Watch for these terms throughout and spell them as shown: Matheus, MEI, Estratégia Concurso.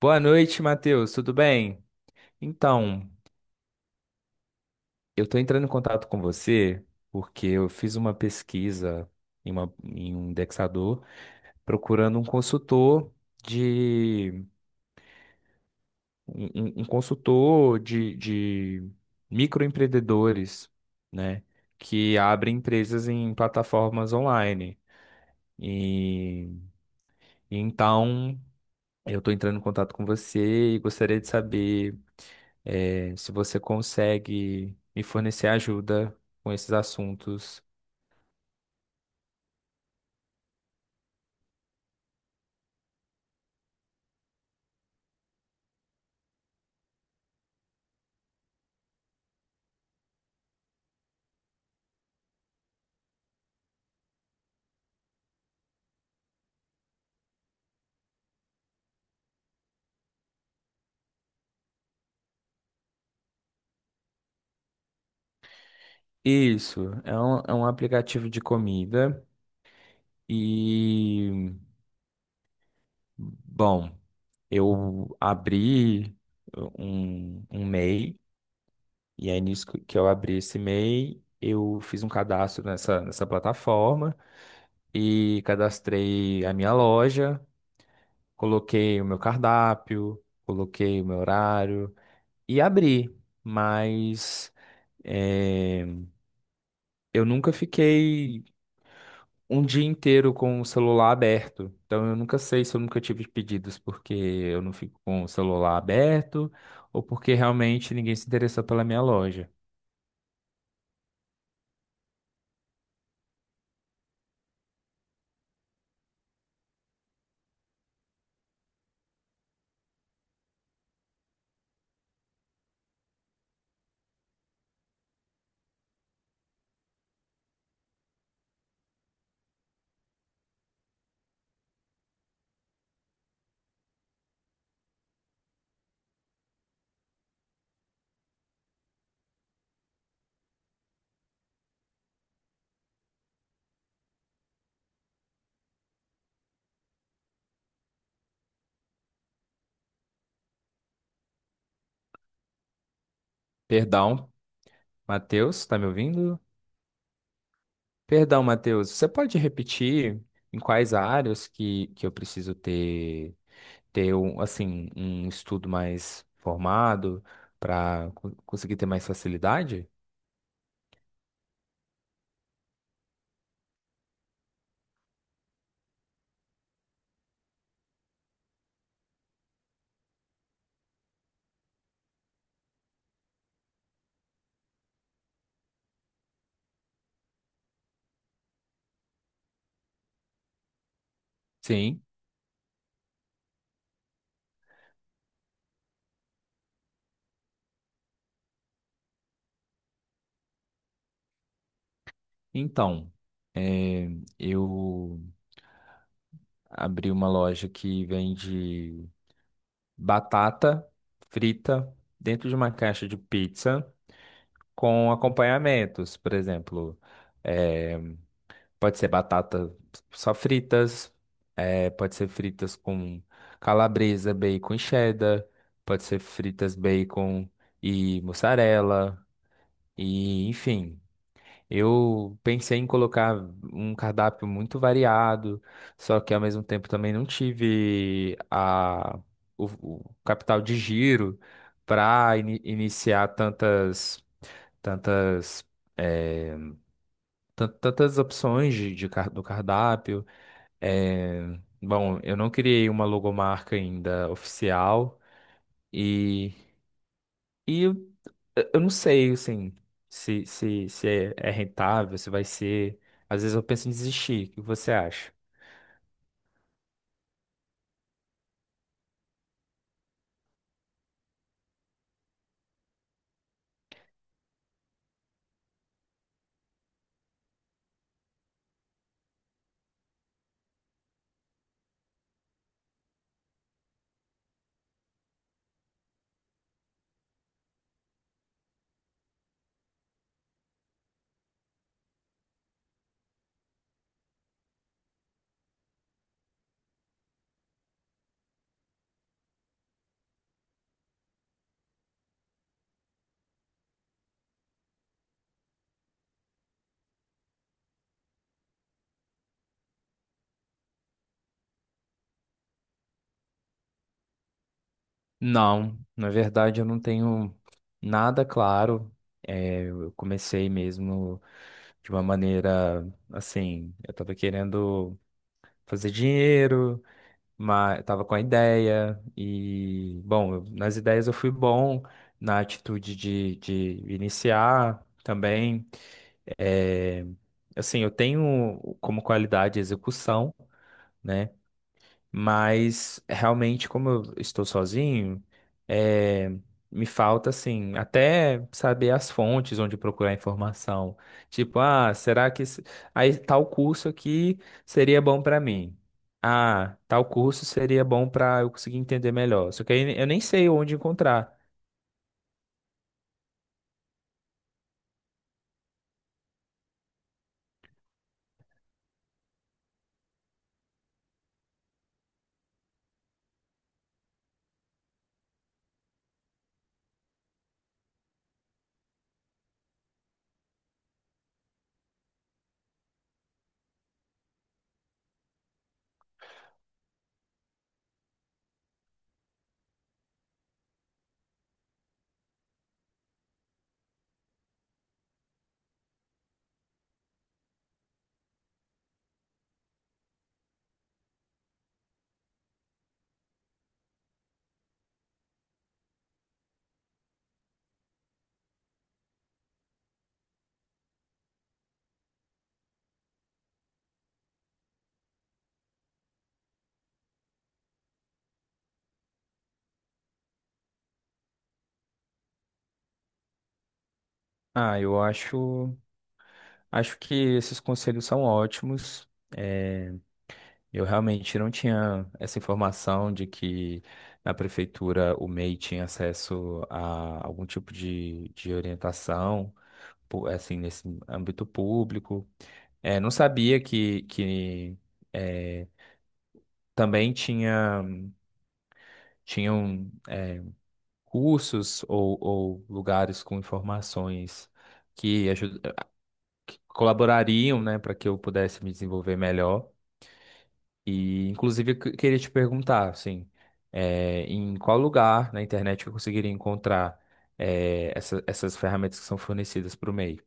Boa noite, Matheus, tudo bem? Então, eu estou entrando em contato com você porque eu fiz uma pesquisa em um indexador procurando um consultor de um, um consultor de microempreendedores, né, que abre empresas em plataformas online. E então Eu estou entrando em contato com você e gostaria de saber se você consegue me fornecer ajuda com esses assuntos. Isso, é um aplicativo de comida e, bom, eu abri um MEI e aí nisso que eu abri esse M e MEI, eu fiz um cadastro nessa plataforma e cadastrei a minha loja. Coloquei o meu cardápio, coloquei o meu horário e abri, mas eh, eu nunca fiquei um dia inteiro com o celular aberto. Então eu nunca sei se eu nunca tive pedidos porque eu não fico com o celular aberto ou porque realmente ninguém se interessou pela minha loja. Perdão, Matheus, tá me ouvindo? Perdão, Matheus, você pode repetir em quais áreas que eu preciso ter? Ter um, assim, um estudo mais formado para conseguir ter mais facilidade? Sim. Então, eh, eu abri uma loja que vende batata frita dentro de uma caixa de pizza com acompanhamentos, por exemplo. eh, Pode ser batata só fritas, é, pode ser fritas com calabresa, bacon e cheddar, pode ser fritas bacon e mussarela, e enfim. Eu pensei em colocar um cardápio muito variado, só que ao mesmo tempo também não tive o, o capital de giro para iniciar tantas, tantas, é, tantas opções de do cardápio. É, bom, eu não criei uma logomarca ainda oficial e, e eu, eu não sei, assim, se é rentável, se vai ser. Às vezes eu penso em desistir. O que você acha? Não, na verdade eu não tenho nada claro. É, eu comecei mesmo de uma maneira assim, eu tava querendo fazer dinheiro. Mas tava com a ideia e, bom, nas ideias eu fui bom, na atitude de iniciar também. É, assim, eu tenho como qualidade execução, né? Mas realmente, como eu estou sozinho, é, me falta assim, até saber as fontes onde procurar informação. Tipo, ah, será que aí, tal curso aqui seria bom para mim? Ah, tal curso seria bom para eu conseguir entender melhor. Só que aí eu nem sei onde encontrar. Ah, eu acho, acho que esses conselhos são ótimos. Eu realmente não tinha essa informação de que na prefeitura o MEI tinha acesso a algum tipo de orientação, assim, nesse âmbito público. É, não sabia que é, também tinham cursos ou lugares com informações que, aju- que colaborariam, né, para que eu pudesse me desenvolver melhor. E, inclusive, eu queria te perguntar, assim, em qual lugar na internet eu conseguiria encontrar essas ferramentas que são fornecidas para o MEI?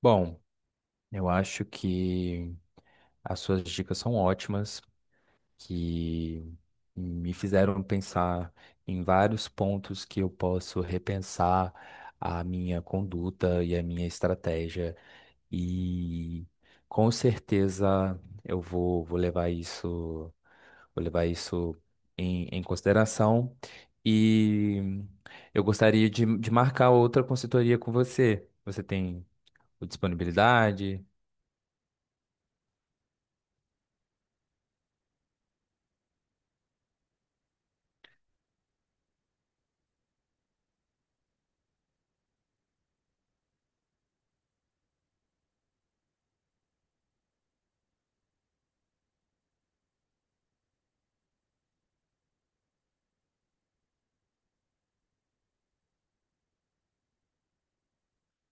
Bom, eu acho que as suas dicas são ótimas, que me fizeram pensar em vários pontos que eu posso repensar a minha conduta e a minha estratégia, e com certeza eu vou levar isso. Vou levar isso em consideração. E eu gostaria de marcar outra consultoria com você. Você tem disponibilidade?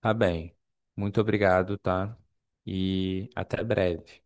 Tá bem. Muito obrigado, tá? E até breve.